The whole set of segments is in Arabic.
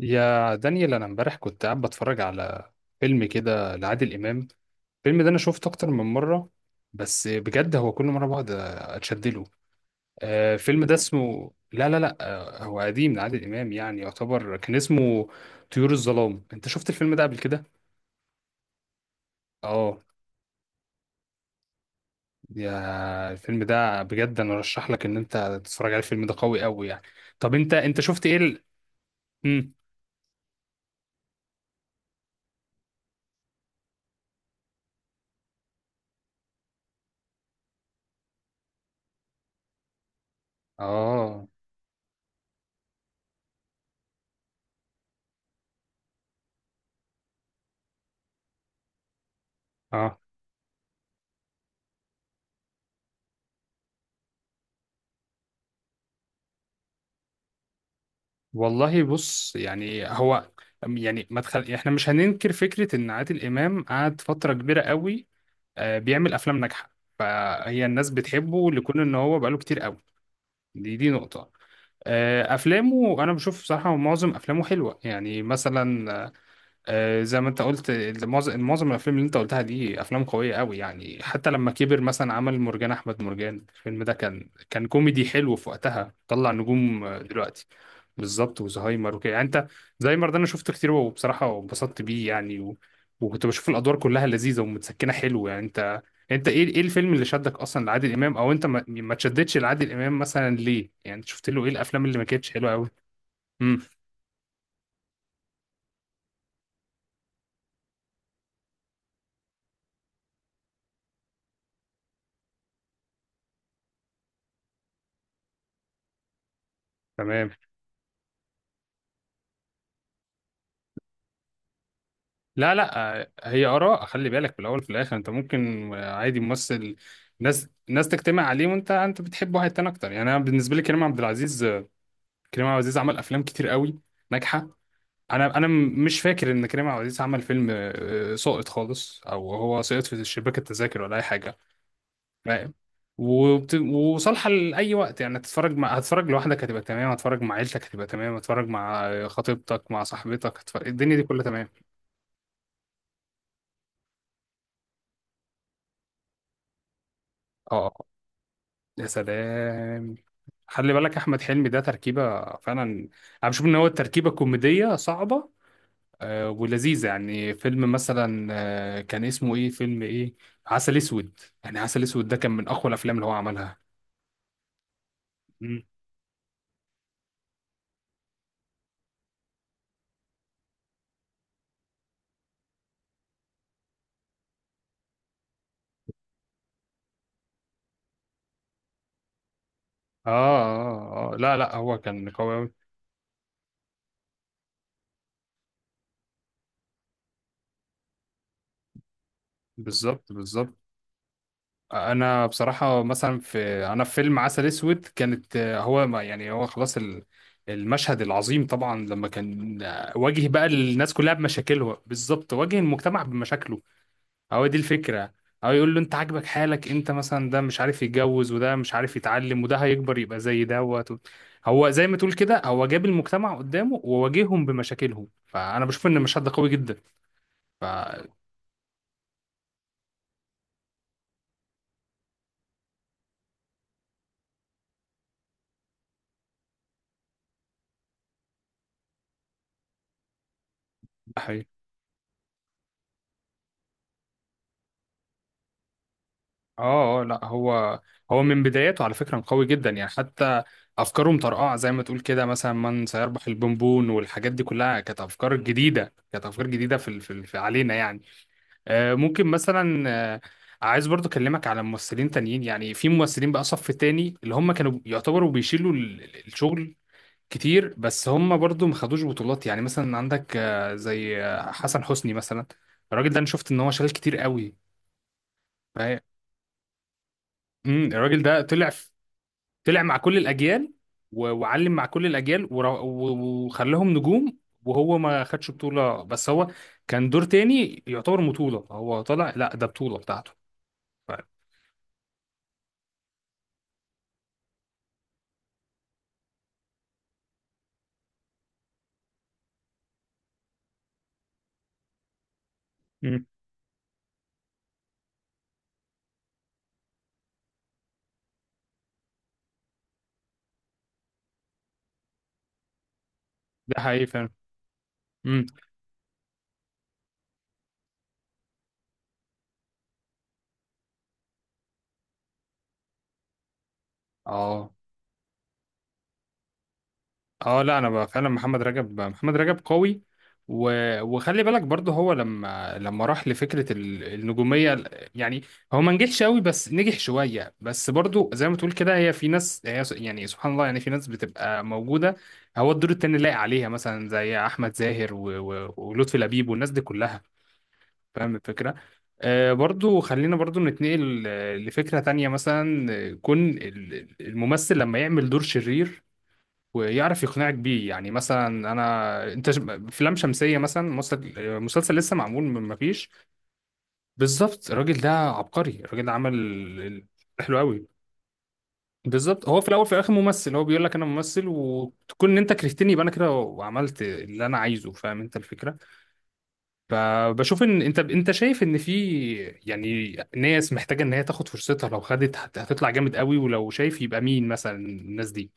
يا دانيال، انا امبارح كنت قاعد بتفرج على فيلم كده لعادل امام. الفيلم ده انا شفته اكتر من مره. بس بجد هو كل مره بقعد اتشد له. الفيلم ده اسمه لا لا لا آه، هو قديم لعادل امام، يعني يعتبر كان اسمه طيور الظلام. انت شفت الفيلم ده قبل كده؟ اه. يا الفيلم ده بجد انا ارشح لك ان انت تتفرج على الفيلم ده قوي قوي يعني. طب انت شفت ايه مم. اه اه. والله بص، يعني هو، يعني ما تخل... يعني احنا مش هننكر فكرة ان عادل امام قعد فترة كبيرة قوي، بيعمل افلام ناجحة، فهي الناس بتحبه لكون ان هو بقاله كتير قوي. دي نقطة. افلامه انا بشوف بصراحة معظم افلامه حلوة، يعني مثلا زي ما انت قلت معظم الافلام اللي انت قلتها دي افلام قويه قوي يعني. حتى لما كبر مثلا عمل مرجان احمد مرجان، الفيلم ده كان كوميدي حلو في وقتها، طلع نجوم دلوقتي. بالظبط، وزهايمر وكده يعني. انت زهايمر ده انا شفته كتير وبصراحه انبسطت بيه يعني وكنت بشوف الادوار كلها لذيذه ومتسكنه حلو يعني. انت ايه الفيلم اللي شدك اصلا لعادل امام، او انت ما تشدتش لعادل امام مثلا ليه يعني؟ انت شفت له ايه الافلام اللي ما كانتش حلوه قوي؟ امم. تمام. لا لا هي آراء، خلي بالك في الأول وفي الآخر. أنت ممكن عادي ممثل، ناس تجتمع عليه، وأنت بتحب واحد تاني أكتر. يعني أنا بالنسبة لي كريم عبد العزيز، كريم عبد العزيز عمل أفلام كتير قوي ناجحة. مش فاكر إن كريم عبد العزيز عمل فيلم ساقط خالص، أو هو سقط في شباك التذاكر ولا أي حاجة. فاهم. وصالحة لأي وقت، يعني هتتفرج لوحدك هتبقى تمام، هتتفرج مع عيلتك هتبقى تمام، هتتفرج مع خطيبتك، مع صاحبتك، الدنيا دي كلها تمام. اه، يا سلام. خلي بالك احمد حلمي ده تركيبه فعلا. انا بشوف ان هو التركيبه كوميديه صعبه ولذيذه يعني. فيلم مثلا، كان اسمه ايه، فيلم ايه، عسل اسود. يعني عسل اسود ده كان من اقوى الافلام اللي هو عملها. مم. اه اه. اه، لا لا، هو كان قوي أوي. بالظبط بالظبط. انا بصراحه مثلا، انا في فيلم عسل اسود كانت آه، هو ما- يعني هو خلاص ال- المشهد العظيم طبعا لما كان واجه بقى الناس كلها بمشاكلها، بالظبط واجه المجتمع بمشاكله. هو دي الفكرة، او يقول له انت عاجبك حالك، انت مثلا ده مش عارف يتجوز، وده مش عارف يتعلم، وده هيكبر يبقى زي دوت. هو زي ما تقول كده هو جاب المجتمع قدامه وواجههم بمشاكلهم، فانا بشوف ان المشهد ده قوي جدا. ده حقيقي. اه اه، لا، هو من بداياته على فكرة قوي جدا، يعني حتى افكاره مطرقعة زي ما تقول كده، مثلا من سيربح البونبون والحاجات دي كلها كانت افكار جديدة، كانت افكار جديدة في علينا يعني. ممكن مثلا، آه، عايز برضو اكلمك على ممثلين تانيين. يعني في ممثلين بقى صف تاني اللي هم كانوا يعتبروا بيشيلوا الشغل كتير، بس هم برضو ما خدوش بطولات. يعني مثلا عندك زي حسن حسني مثلا، الراجل ده انا شفت ان هو شغال كتير قوي. فهي- الراجل ده طلع مع كل الاجيال وعلم مع كل الاجيال، وخلاهم نجوم. وهو ما خدش بطولة، بس هو كان دور تاني يعتبر بطولة، هو طلع لا ده بطولة بتاعته. ف... ده حقيقي فعلا. امم. اه اه، لا انا بقى فعلا محمد رجب، محمد رجب قوي. و... وخلي بالك برضه هو لما راح لفكره النجوميه. يعني هو ما نجحش قوي بس نجح شويه، بس برضه زي ما تقول كده هي في ناس هي يعني سبحان الله، يعني في ناس بتبقى موجوده هو الدور التاني لايق عليها، مثلا زي احمد زاهر ولطفي لبيب والناس دي كلها. فاهم الفكرة. آه برضو خلينا برضو نتنقل لفكرة تانية مثلا، كون الممثل لما يعمل دور شرير ويعرف يقنعك بيه. يعني مثلا انا افلام شمسية مثلا، مسلسل لسه معمول من ما فيش. بالظبط. الراجل ده عبقري، الراجل ده عمل ال- حلو قوي. بالظبط، هو في الاول في الاخر ممثل، هو بيقول لك انا ممثل، وتكون ان انت كرهتني يبقى انا كده وعملت اللي انا عايزه. فاهم انت الفكرة. فبشوف ان انت شايف ان في، يعني، ناس محتاجه ان هي تاخد فرصتها، لو خدت هتطلع جامد قوي. ولو شايف يبقى مين مثلا الناس دي؟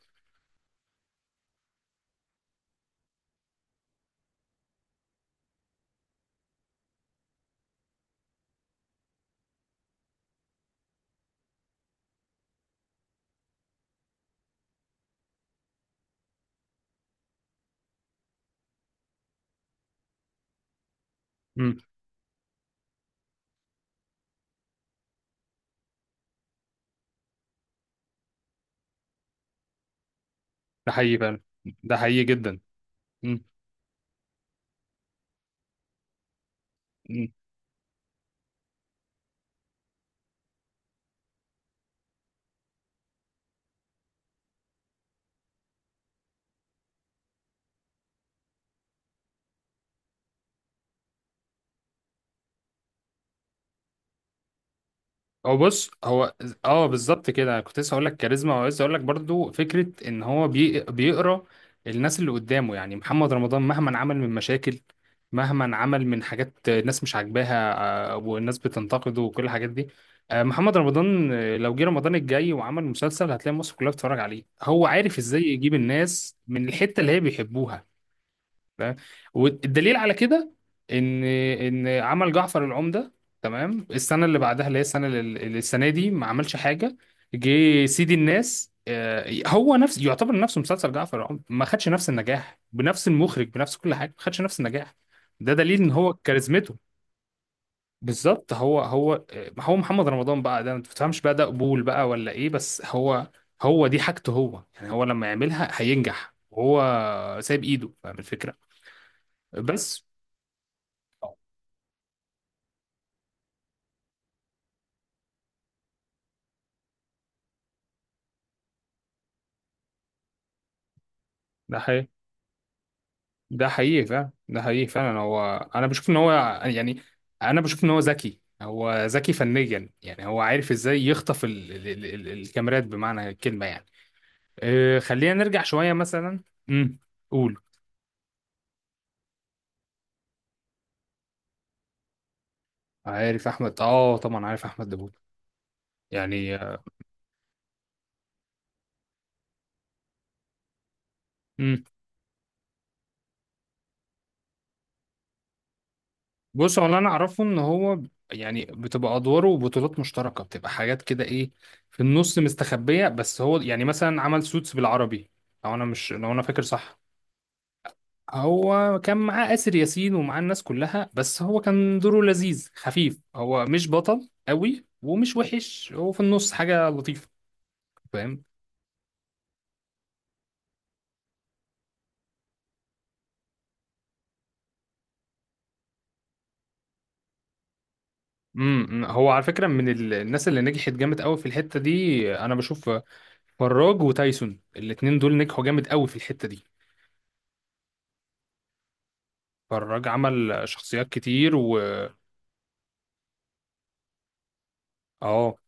امم. ده حقيقي فعلا، ده حقيقي جدا. امم. بص، اه، بالظبط كده، أنا كنت لسه هقول لك كاريزما، وعايز اقول لك برضو فكره ان هو بيقرا الناس اللي قدامه. يعني محمد رمضان مهما عمل من مشاكل، مهما عمل من حاجات الناس مش عاجباها، والناس بتنتقده وكل الحاجات دي، محمد رمضان لو جه رمضان الجاي وعمل مسلسل، هتلاقي مصر كلها بتتفرج عليه. هو عارف ازاي يجيب الناس من الحته اللي هي بيحبوها. تمام. والدليل على كده ان عمل جعفر العمدة. تمام، السنه اللي بعدها اللي هي السنه اللي السنه دي ما عملش حاجه، جه سيدي الناس، هو نفس يعتبر نفسه مسلسل جعفر العمدة ما خدش نفس النجاح بنفس المخرج بنفس كل حاجه، ما خدش نفس النجاح. ده دليل ان هو كاريزمته. بالظبط، هو هو محمد رمضان بقى، ده ما تفهمش بقى ده قبول بقى ولا ايه، بس هو، هو دي حاجته. هو يعني هو لما يعملها هينجح، وهو سايب ايده. فاهم الفكره. بس ده حقيقي، ده حقيقي فعلا، ده حقيقي فعلا. هو انا بشوف ان هو، يعني، انا بشوف ان هو ذكي، هو ذكي فنيا. يعني هو عارف ازاي يخطف ال ال ال ال الكاميرات بمعنى الكلمه يعني. خلينا نرجع شويه مثلا. امم. قول. عارف احمد، اه طبعا عارف احمد داوود يعني. امم. بص، هو اللي انا اعرفه ان هو، يعني، بتبقى ادواره وبطولات مشتركه، بتبقى حاجات كده ايه، في النص مستخبيه. بس هو يعني مثلا عمل سوتس بالعربي، لو انا مش لو انا فاكر صح. هو كان معاه آسر ياسين ومعاه الناس كلها، بس هو كان دوره لذيذ خفيف، هو مش بطل قوي ومش وحش، هو في النص حاجة لطيفة. فاهم. امم. هو على فكرة من الناس اللي نجحت جامد قوي في الحتة دي، انا بشوف فراج وتايسون، الاتنين دول نجحوا جامد قوي في الحتة دي. فراج عمل شخصيات كتير و... اه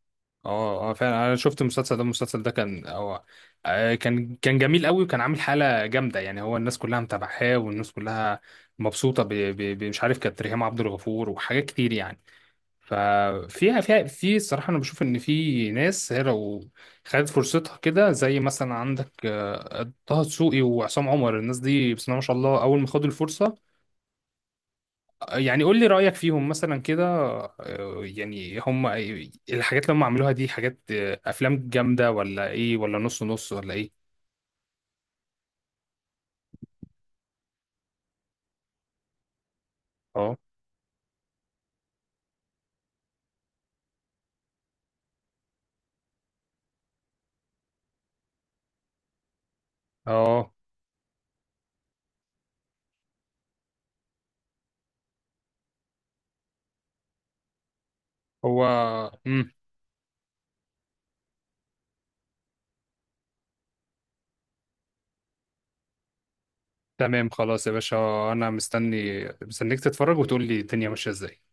اه اه فعلا، انا شفت المسلسل ده، المسلسل ده كان هو كان جميل قوي، وكان عامل حاله جامده يعني، هو الناس كلها متابعاه، والناس كلها مبسوطه مش عارف، كانت ريهام عبد الغفور وحاجات كتير يعني. ففيها، فيها في الصراحه انا بشوف ان في ناس هي لو خدت فرصتها، كده زي مثلا عندك طه دسوقي وعصام عمر، الناس دي بسم الله ما شاء الله اول ما خدوا الفرصه. يعني قول لي رأيك فيهم مثلا كده. يعني هم الحاجات اللي هم عملوها دي حاجات أفلام جامدة ولا إيه ولا نص نص ولا إيه؟ أه أه. هو. مم. تمام خلاص يا باشا. أنا مستني مستنيك تتفرج وتقول لي الدنيا ماشية إزاي.